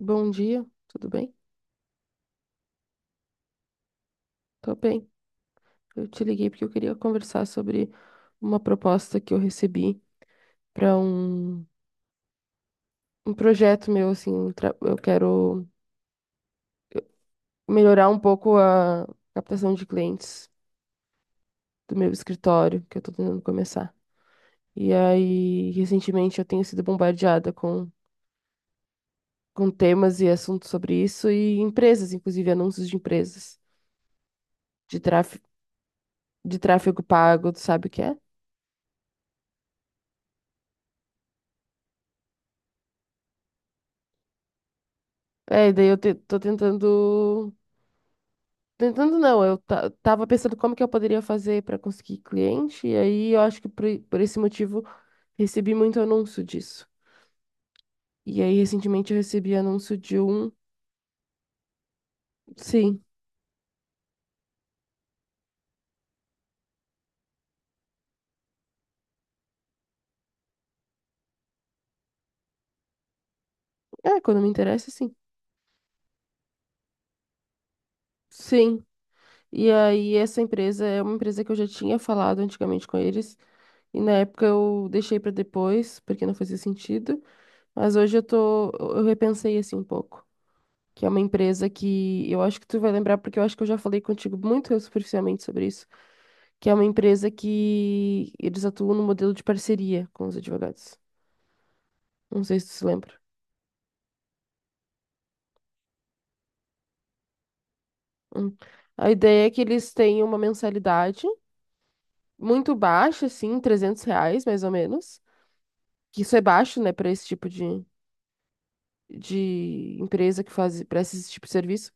Bom dia, tudo bem? Tô bem. Eu te liguei porque eu queria conversar sobre uma proposta que eu recebi para um projeto meu, assim, eu quero melhorar um pouco a captação de clientes do meu escritório que eu tô tentando começar. E aí, recentemente eu tenho sido bombardeada com temas e assuntos sobre isso e empresas, inclusive anúncios de empresas de tráfego pago, tu sabe o que é? É, e daí eu tô tentando. Tentando não, eu tava pensando como que eu poderia fazer para conseguir cliente, e aí eu acho que por esse motivo recebi muito anúncio disso. E aí recentemente eu recebi anúncio de um. Sim. É, quando me interessa, sim. Sim. E aí essa empresa é uma empresa que eu já tinha falado antigamente com eles, e na época eu deixei para depois, porque não fazia sentido, mas hoje eu repensei assim um pouco. Que é uma empresa que eu acho que tu vai lembrar, porque eu acho que eu já falei contigo muito superficialmente sobre isso, que é uma empresa que eles atuam no modelo de parceria com os advogados. Não sei se tu se lembra. Hum. A ideia é que eles têm uma mensalidade muito baixa, assim, R$ 300, mais ou menos. Que isso é baixo, né, para esse tipo de, empresa que faz, para esse tipo de serviço.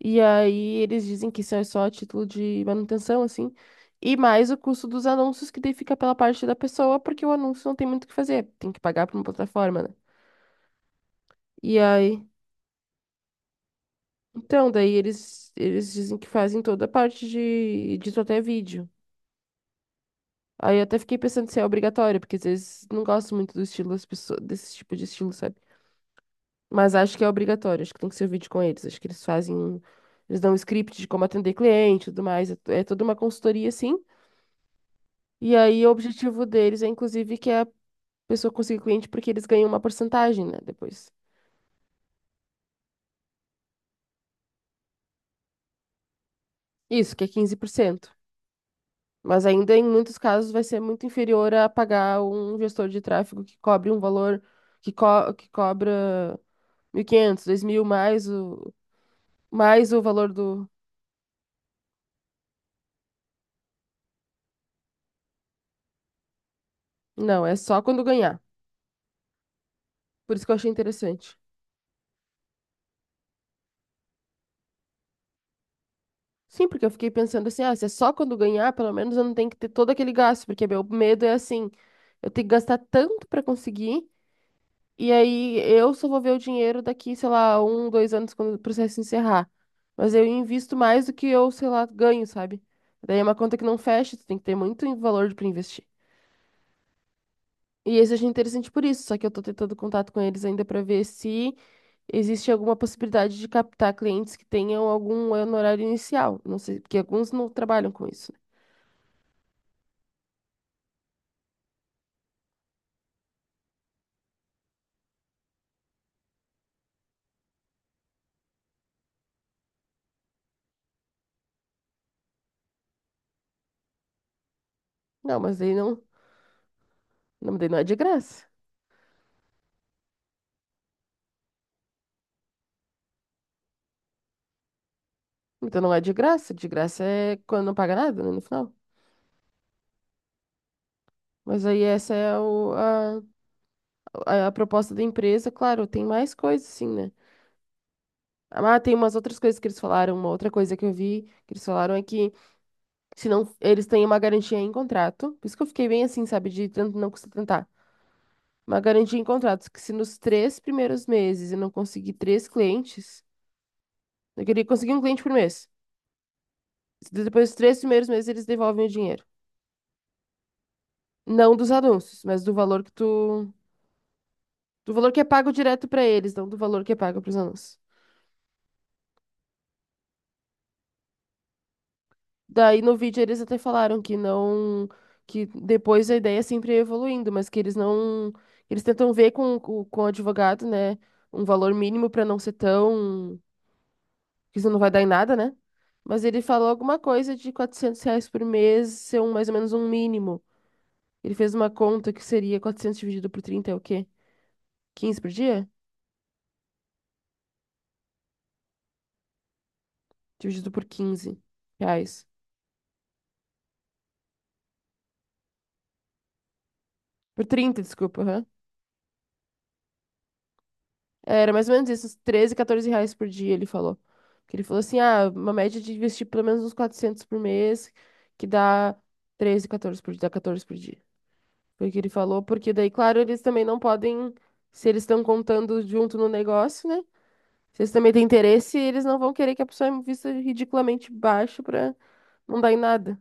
E aí eles dizem que isso é só a título de manutenção, assim. E mais o custo dos anúncios, que daí fica pela parte da pessoa, porque o anúncio não tem muito o que fazer, tem que pagar para uma plataforma, né? E aí, então, daí eles dizem que fazem toda a parte de até vídeo. Aí eu até fiquei pensando se é obrigatório, porque às vezes não gosto muito do estilo das pessoas, desse tipo de estilo, sabe? Mas acho que é obrigatório, acho que tem que ser vídeo com eles. Acho que eles fazem, eles dão um script de como atender cliente e tudo mais. É toda uma consultoria, assim. E aí o objetivo deles é, inclusive, que a pessoa consiga cliente, porque eles ganham uma porcentagem, né? Depois. Isso, que é 15%. Mas ainda em muitos casos vai ser muito inferior a pagar um gestor de tráfego que cobre um valor que cobra 1.500, 2.000, mais o valor do. Não, é só quando ganhar. Por isso que eu achei interessante. Sim, porque eu fiquei pensando assim, ah, se é só quando ganhar, pelo menos eu não tenho que ter todo aquele gasto, porque meu medo é assim, eu tenho que gastar tanto para conseguir. E aí eu só vou ver o dinheiro daqui, sei lá, um, 2 anos quando o processo encerrar. Mas eu invisto mais do que eu, sei lá, ganho, sabe? Daí é uma conta que não fecha, tu tem que ter muito valor para investir. E esse eu achei interessante por isso, só que eu tô tentando contato com eles ainda para ver se existe alguma possibilidade de captar clientes que tenham algum honorário inicial. Não sei, porque alguns não trabalham com isso, né? Não, mas daí não. Não, daí não é de graça. Então não é de graça é quando não paga nada, né, no final. Mas aí essa é a proposta da empresa, claro, tem mais coisas, sim, né? Ah, tem umas outras coisas que eles falaram, uma outra coisa que eu vi que eles falaram é que se não, eles têm uma garantia em contrato. Por isso que eu fiquei bem assim, sabe, de tanto não custa tentar. Uma garantia em contrato, que se nos três primeiros meses eu não conseguir três clientes, eu queria conseguir um cliente por mês. Se Depois dos três primeiros meses eles devolvem o dinheiro. Não dos anúncios, mas do valor que tu. Do valor que é pago direto pra eles, não do valor que é pago pros anúncios. Daí no vídeo eles até falaram que não, que depois a ideia é sempre ia evoluindo, mas que eles não, eles tentam ver com o advogado, né, um valor mínimo para não ser tão, que isso não vai dar em nada, né? Mas ele falou alguma coisa de R$ 400 por mês ser um, mais ou menos um mínimo. Ele fez uma conta que seria 400 dividido por 30 é o quê? 15 por dia? Dividido por 15 reais. Por 30, desculpa. Era mais ou menos isso, uns 13, 14 reais por dia, ele falou. Que ele falou assim, ah, uma média de investir pelo menos uns 400 por mês, que dá 13, 14 por dia, dá 14 por dia. Foi o que ele falou, porque daí, claro, eles também não podem, se eles estão contando junto no negócio, né? Se eles também têm interesse, eles não vão querer que a pessoa invista ridiculamente baixo pra não dar em nada.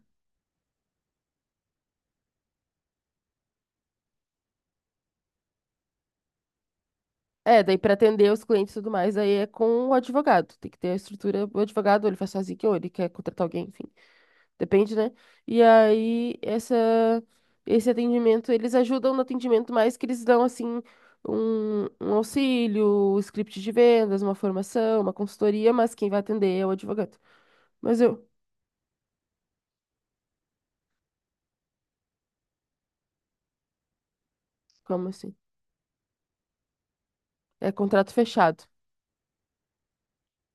É, daí pra atender os clientes e tudo mais, aí é com o advogado. Tem que ter a estrutura, o advogado, ou ele faz sozinho, ou ele quer contratar alguém, enfim. Depende, né? E aí, esse atendimento, eles ajudam no atendimento, mas que eles dão, assim, um auxílio, um script de vendas, uma formação, uma consultoria, mas quem vai atender é o advogado. Mas eu. Como assim? É contrato fechado.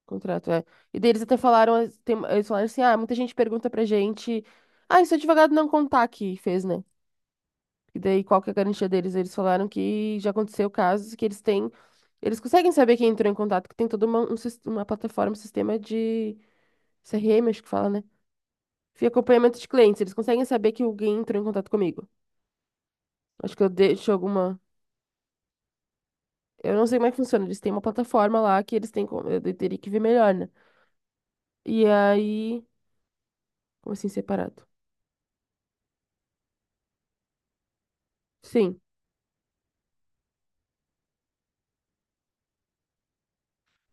Contrato, é. E daí eles até falaram, eles falaram assim, ah, muita gente pergunta pra gente, ah, esse advogado não contar que fez, né? E daí, qual que é a garantia deles? Eles falaram que já aconteceu casos que eles têm. Eles conseguem saber quem entrou em contato, que tem toda uma, uma plataforma, um sistema de CRM, acho que fala, né? De acompanhamento de clientes. Eles conseguem saber que alguém entrou em contato comigo. Acho que eu deixo alguma. Eu não sei como é que funciona. Eles têm uma plataforma lá que eles têm. Eu teria que ver melhor, né? E aí. Como assim, separado? Sim.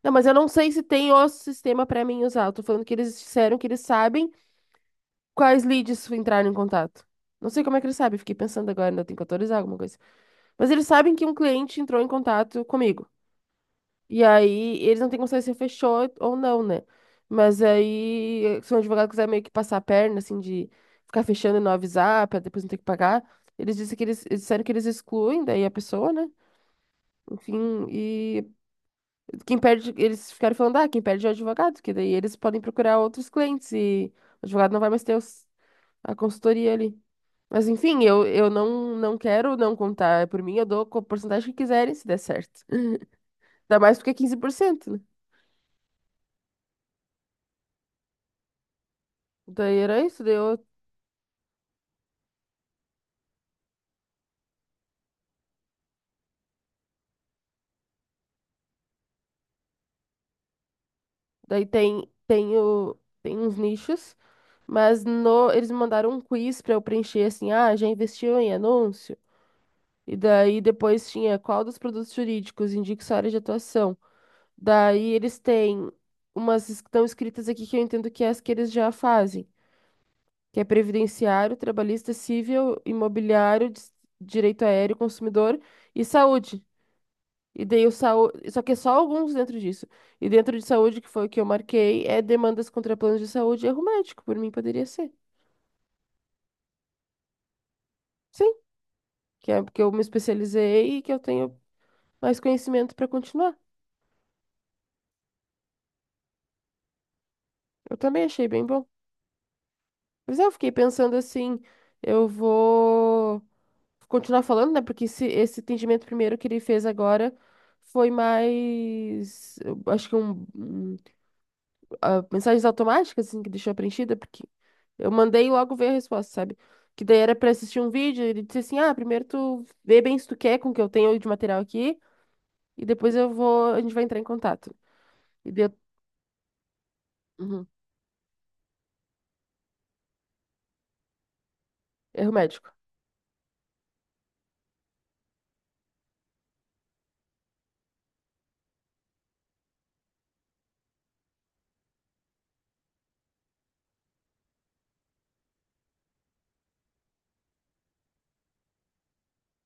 Não, mas eu não sei se tem o sistema pra mim usar. Eu tô falando que eles disseram que eles sabem quais leads entraram em contato. Não sei como é que eles sabem, fiquei pensando agora, ainda tem que autorizar alguma coisa. Mas eles sabem que um cliente entrou em contato comigo. E aí, eles não têm consciência se fechou ou não, né? Mas aí, se um advogado quiser meio que passar a perna, assim, de ficar fechando e não avisar, pra depois não ter que pagar, eles dizem que eles disseram que eles excluem daí a pessoa, né? Enfim, e quem perde, eles ficaram falando, ah, quem perde é o advogado, que daí eles podem procurar outros clientes e o advogado não vai mais ter a consultoria ali. Mas enfim, eu não, não quero não contar. Por mim, eu dou com a porcentagem que quiserem, se der certo. Ainda mais porque é 15%, né? Daí era isso. Daí tem uns nichos, mas no, eles me mandaram um quiz pra eu preencher assim: ah, já investiu em anúncio? E daí depois tinha qual dos produtos jurídicos indica sua área de atuação. Daí eles têm umas que estão escritas aqui que eu entendo que é as que eles já fazem, que é previdenciário, trabalhista, civil, imobiliário, direito aéreo, consumidor e saúde. E daí o saúde, só que é só alguns dentro disso. E dentro de saúde, que foi o que eu marquei, é demandas contra planos de saúde e erro médico, por mim poderia ser. Sim, que é porque eu me especializei e que eu tenho mais conhecimento para continuar. Eu também achei bem bom. Mas é, eu fiquei pensando assim, eu vou continuar falando, né? Porque esse atendimento primeiro que ele fez agora foi mais, eu acho que mensagens automáticas assim que deixou preenchida, porque eu mandei e logo veio a resposta, sabe? Que daí era pra assistir um vídeo, ele disse assim: "Ah, primeiro tu vê bem se tu quer com o que eu tenho de material aqui e depois eu vou, a gente vai entrar em contato". E deu, uhum, erro médico.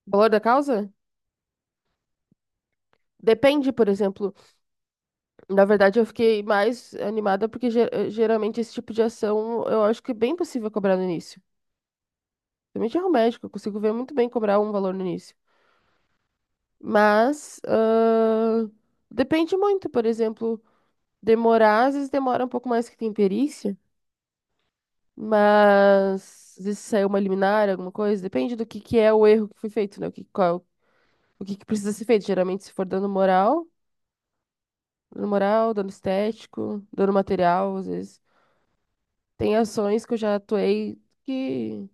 Valor da causa? Depende, por exemplo. Na verdade, eu fiquei mais animada porque geralmente esse tipo de ação eu acho que é bem possível cobrar no início. Também de erro médico, eu consigo ver muito bem cobrar um valor no início. Mas ah, depende muito, por exemplo, demorar, às vezes demora um pouco mais que tem perícia, mas às vezes saiu uma liminar, alguma coisa, depende do que é o erro que foi feito, né? O que, qual, o que, que precisa ser feito. Geralmente, se for dano moral, dano estético, dano material, às vezes. Tem ações que eu já atuei que,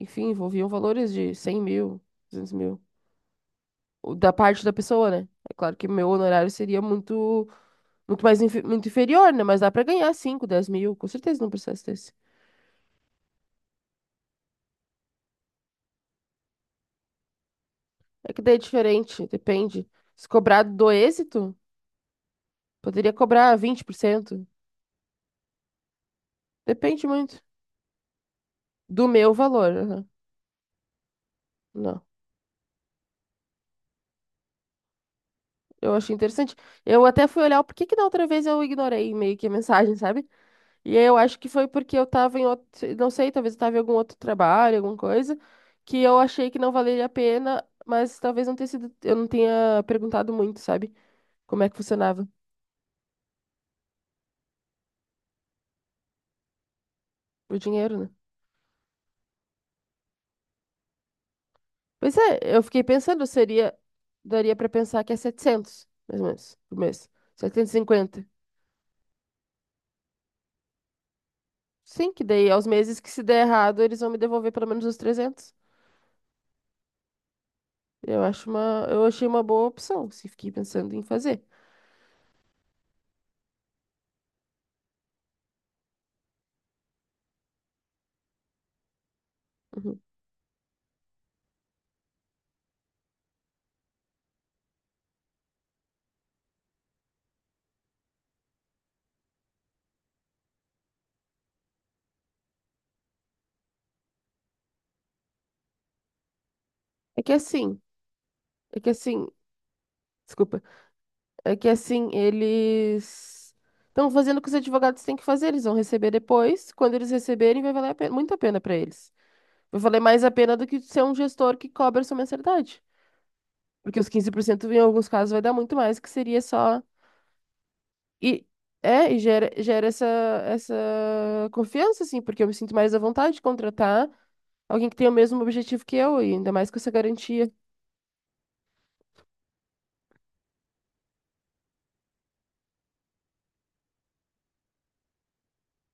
enfim, envolviam valores de 100 mil, 200 mil. O Da parte da pessoa, né? É claro que meu honorário seria muito inferior, né? Mas dá pra ganhar cinco, 10 mil, com certeza num processo desse. É que daí é diferente, depende. Se cobrado do êxito, poderia cobrar 20%. Depende muito do meu valor. Aham. Não, eu achei interessante. Eu até fui olhar o porquê que da outra vez eu ignorei meio que a mensagem, sabe? E aí eu acho que foi porque eu tava em outro, não sei, talvez eu tava em algum outro trabalho, alguma coisa, que eu achei que não valeria a pena, mas talvez não tenha sido, eu não tenha perguntado muito, sabe? Como é que funcionava o dinheiro, né? Pois é, eu fiquei pensando, seria, daria pra pensar que é 700 mais ou menos, por mês. 750. Sim, que daí aos meses que se der errado, eles vão me devolver pelo menos os 300. Eu achei uma boa opção, se fiquei pensando em fazer. Uhum. É que é assim, é que é assim. Desculpa. É que assim, eles estão fazendo o que os advogados têm que fazer, eles vão receber depois. Quando eles receberem, vai valer muito a pena para eles. Vai valer mais a pena do que ser um gestor que cobra sua mensalidade. Porque os 15% em alguns casos vai dar muito mais, que seria só. E é, e gera essa, essa confiança, assim, porque eu me sinto mais à vontade de contratar alguém que tem o mesmo objetivo que eu, e ainda mais com essa garantia.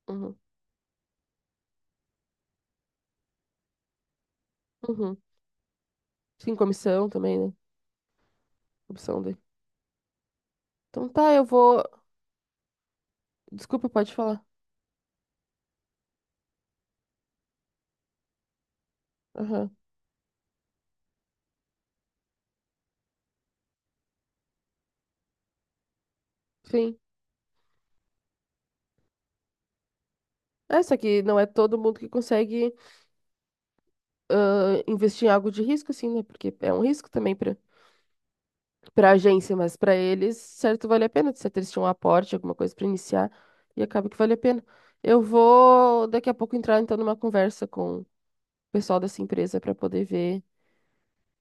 Uhum. Uhum. Sim, comissão também, né? Opção dele. Então tá, eu vou. Desculpa, pode falar. Aham. Sim. É, só que não é todo mundo que consegue investir em algo de risco, assim, né? Porque é um risco também para a agência, mas para eles, certo, vale a pena. Certo, eles tinham um aporte, alguma coisa para iniciar, e acaba que vale a pena. Eu vou daqui a pouco entrar, então, numa conversa com o pessoal dessa empresa para poder ver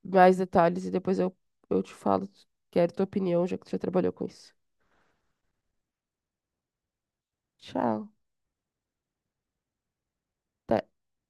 mais detalhes e depois eu te falo, quero tua opinião, já que tu já trabalhou com isso. Tchau. Até.